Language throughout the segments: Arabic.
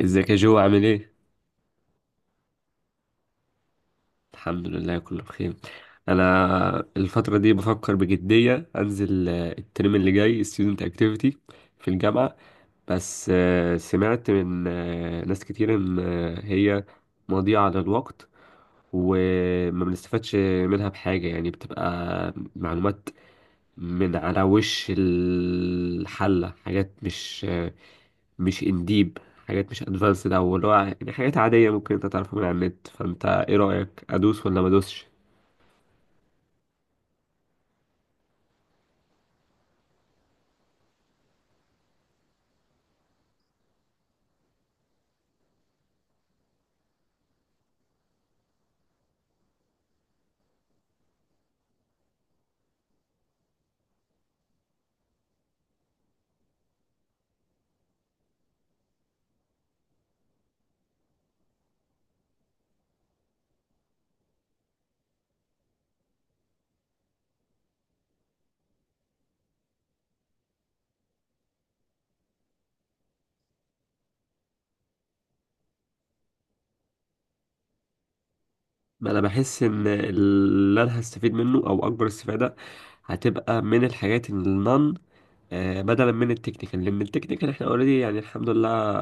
ازيك يا جو عامل ايه؟ الحمد لله، كله بخير. انا الفترة دي بفكر بجدية انزل الترم اللي جاي student activity في الجامعة. بس سمعت من ناس كتير ان هي مضيعة للوقت، وما بنستفادش منها بحاجة، يعني بتبقى معلومات من على وش الحلة، حاجات مش انديب، حاجات مش ادفانسد او اللي هو يعني حاجات عاديه ممكن انت تعرفها من على النت. فانت ايه رايك، ادوس ولا ما ادوسش؟ ما انا بحس ان اللي انا هستفيد منه او اكبر استفاده هتبقى من الحاجات النون، بدلا من التكنيكال، لان التكنيكال احنا اوريدي يعني الحمد لله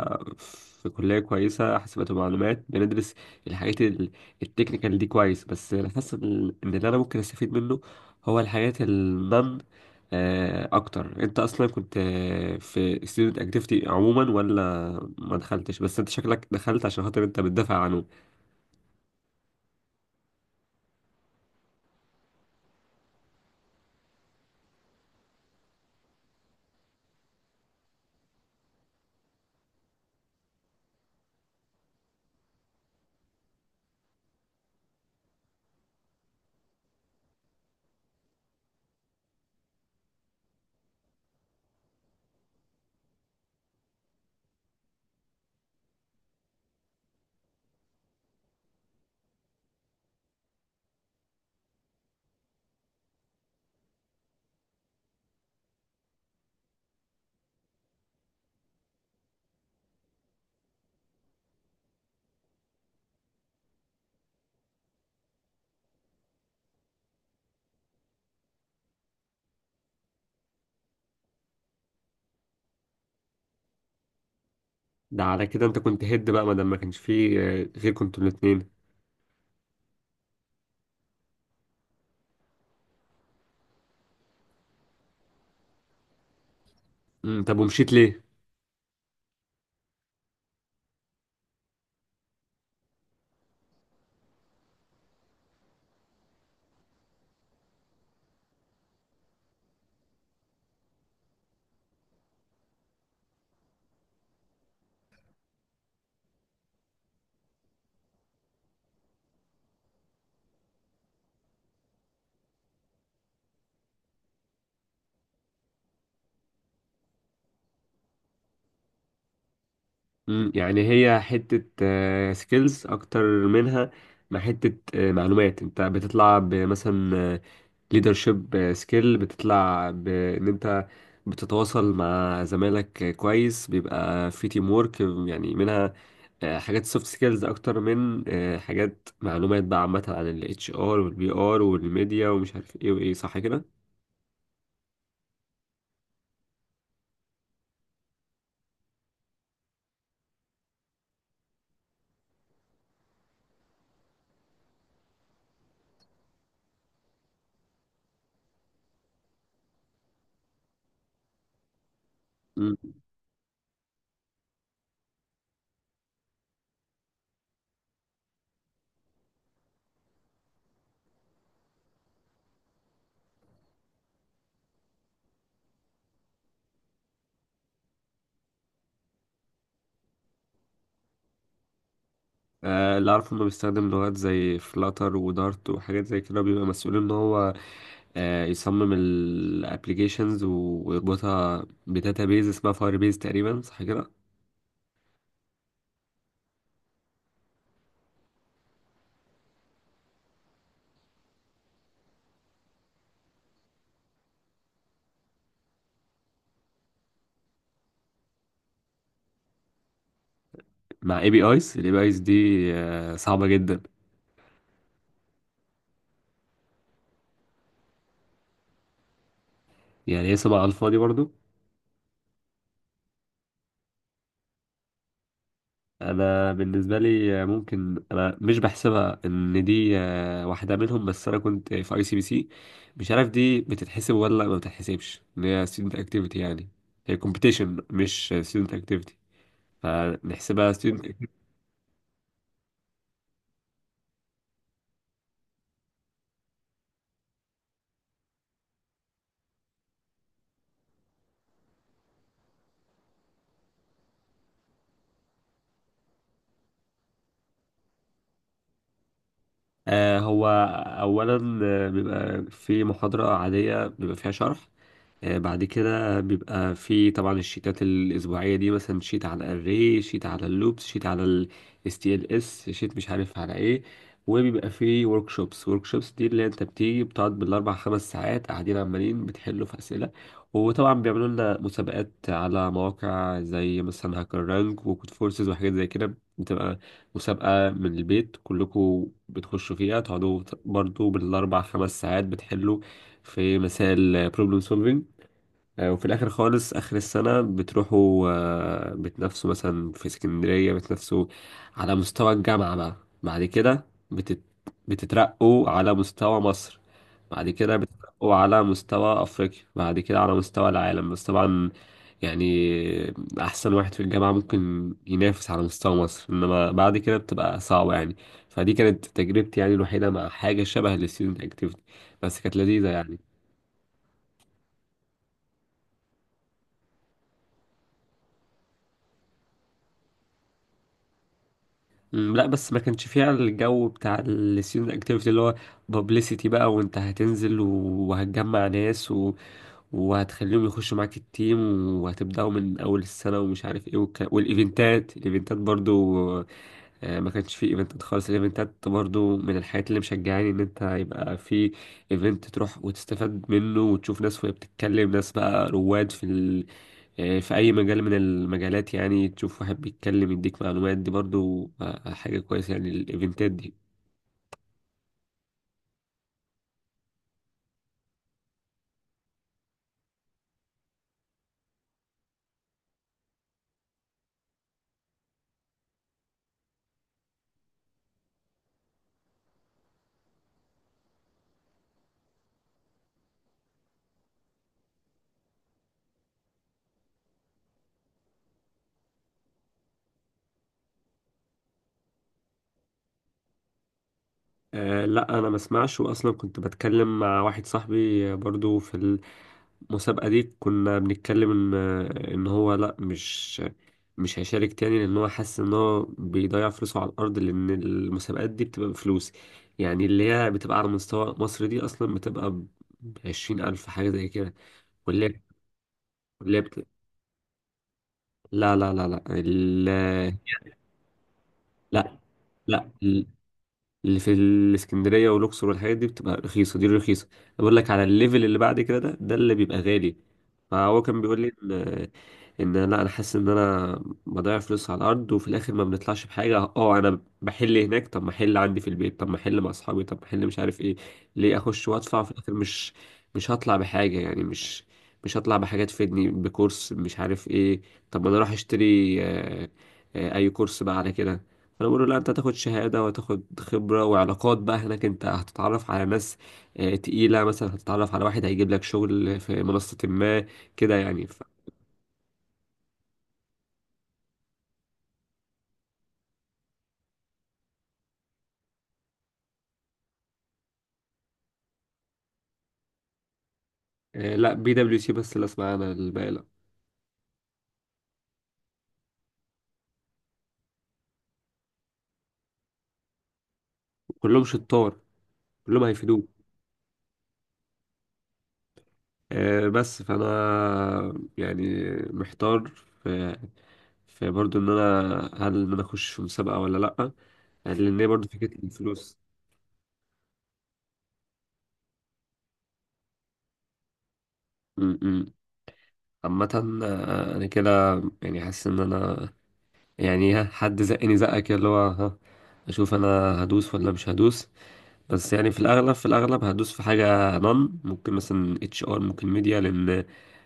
في كلية كويسة حاسبات ومعلومات، بندرس الحاجات التكنيكال دي كويس، بس انا حاسس ان اللي انا ممكن استفيد منه هو الحاجات النن اكتر. انت اصلا كنت في student activity عموما ولا ما دخلتش؟ بس انت شكلك دخلت عشان خاطر انت بتدافع عنه. ده على كده انت كنت هيد بقى، ما دام ما كانش فيه غير كنتوا الاتنين. طب، ومشيت ليه؟ يعني هي حتة سكيلز أكتر منها ما حتة معلومات، أنت بتطلع بمثلا ليدرشيب سكيل، بتطلع بإن أنت بتتواصل مع زمايلك كويس، بيبقى في تيم وورك يعني. منها حاجات سوفت سكيلز أكتر من حاجات معلومات بقى عامة عن ال HR وال PR والميديا ومش عارف إيه وإيه، صح كده؟ مم. اللي أعرفه إنه بيستخدم لغات زي فلاتر ودارت وحاجات زي كده، بيبقى مسؤول إن هو يصمم الابلكيشنز ويربطها بداتابيز اسمها فاير بيز، تقريبا صح كده؟ مع اي بي ايز، الاي بي ايز دي صعبه جدا؟ يعني هي سبعة على الفاضي برضو. انا بالنسبه لي ممكن انا مش بحسبها ان دي واحده منهم، بس انا كنت في ICPC، مش عارف دي بتتحسب ولا ما بتتحسبش ان هي ستودنت اكتيفيتي يعني. هي كومبيتيشن مش ستودنت اكتيفيتي، فنحسبها student. هو أولا بيبقى في محاضرة عادية بيبقى فيها شرح. بعد كده بيبقى في طبعا الشيتات الأسبوعية دي، مثلا شيت على الري، شيت على اللوبس، شيت على ال STLS، شيت مش عارف على ايه. وبيبقى في workshops، workshops دي اللي انت بتيجي بتقعد بالأربع خمس ساعات قاعدين عمالين بتحلوا في أسئلة. وطبعا بيعملوا لنا مسابقات على مواقع زي مثلا هاكر رانك وكود فورسز وحاجات زي كده، بتبقى مسابقة من البيت كلكم بتخشوا فيها، تقعدوا برضو بالأربع خمس ساعات بتحلوا في مسائل problem solving. وفي الآخر خالص آخر السنة بتروحوا بتنافسوا مثلا في اسكندرية، بتنافسوا على مستوى الجامعة بقى. بعد كده بتترقوا على مستوى مصر، بعد كده بتترقوا على مستوى أفريقيا، بعد كده على مستوى العالم، بس طبعا يعني أحسن واحد في الجامعة ممكن ينافس على مستوى مصر، إنما بعد كده بتبقى صعبة يعني. فدي كانت تجربتي يعني الوحيدة مع حاجة شبه الستودنت أكتيفيتي، بس كانت لذيذة يعني. لا، بس ما كانش فيها الجو بتاع الستودنت اكتيفيتي اللي هو بابليسيتي بقى، وانت هتنزل وهتجمع ناس وهتخليهم يخشوا معاك التيم، وهتبدأوا من أول السنة ومش عارف ايه والايفنتات، الايفنتات برضو، ما كانش في ايفنتات خالص. الايفنتات برضو من الحاجات اللي مشجعاني ان انت يبقى في ايفنت تروح وتستفاد منه، وتشوف ناس وهي بتتكلم، ناس بقى رواد في في اي مجال من المجالات، يعني تشوف واحد بيتكلم يديك معلومات، دي برضو حاجة كويسة يعني الايفنتات دي. لا، انا ما اسمعش، واصلا كنت بتكلم مع واحد صاحبي برضو في المسابقة دي، كنا بنتكلم إن هو لأ، مش هيشارك تاني، لأن هو حاسس إن هو بيضيع فلوسه على الأرض، لأن المسابقات دي بتبقى بفلوس، يعني اللي هي بتبقى على مستوى مصر دي أصلا بتبقى بـ20 ألف حاجة زي كده. واللي هي واللي هي بت... لا، لا، لا، لا، لا، لا، اللي في الاسكندريه والاقصر والحاجات دي بتبقى رخيصه، دي رخيصه. بقول لك على الليفل اللي بعد كده ده اللي بيبقى غالي. فهو كان بيقول لي ان لا، انا حاسس ان انا بضيع فلوس على الارض وفي الاخر ما بنطلعش بحاجه. اه، انا بحل هناك، طب ما احل عندي في البيت، طب ما احل مع اصحابي، طب ما احل مش عارف ايه، ليه اخش وادفع في الاخر؟ مش هطلع بحاجه يعني، مش هطلع بحاجه تفيدني بكورس مش عارف ايه. طب ما انا اروح اشتري اي كورس بقى على كده. فانا بقول له: لا، انت هتاخد شهاده وهتاخد خبره وعلاقات بقى، هناك انت هتتعرف على ناس تقيله، مثلا هتتعرف على واحد هيجيب لك شغل في منصه ما، كده يعني لا، PwC بس اللي اسمع انا، الباقي لا. كلهم شطار، كلهم هيفيدوك. بس فانا يعني محتار في في برضو ان انا، هل انا اخش في مسابقه ولا لا، لان هي برضو فكره الفلوس. م- م. عامه انا كده يعني حاسس ان انا، يعني ها، حد زقني زقك كده اللي هو ها، اشوف انا هدوس ولا مش هدوس. بس يعني في الاغلب هدوس في حاجه نون، ممكن مثلا HR، ممكن ميديا، لان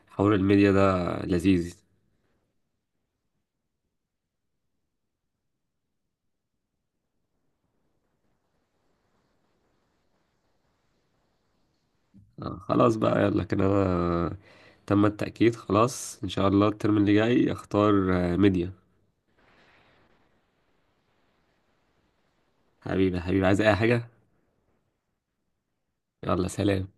حوار الميديا ده لذيذ. خلاص بقى، يلا كده انا تم التأكيد خلاص ان شاء الله الترم اللي جاي اختار ميديا. حبيبي، حبيبي، عايز اي حاجه؟ يلا، سلام.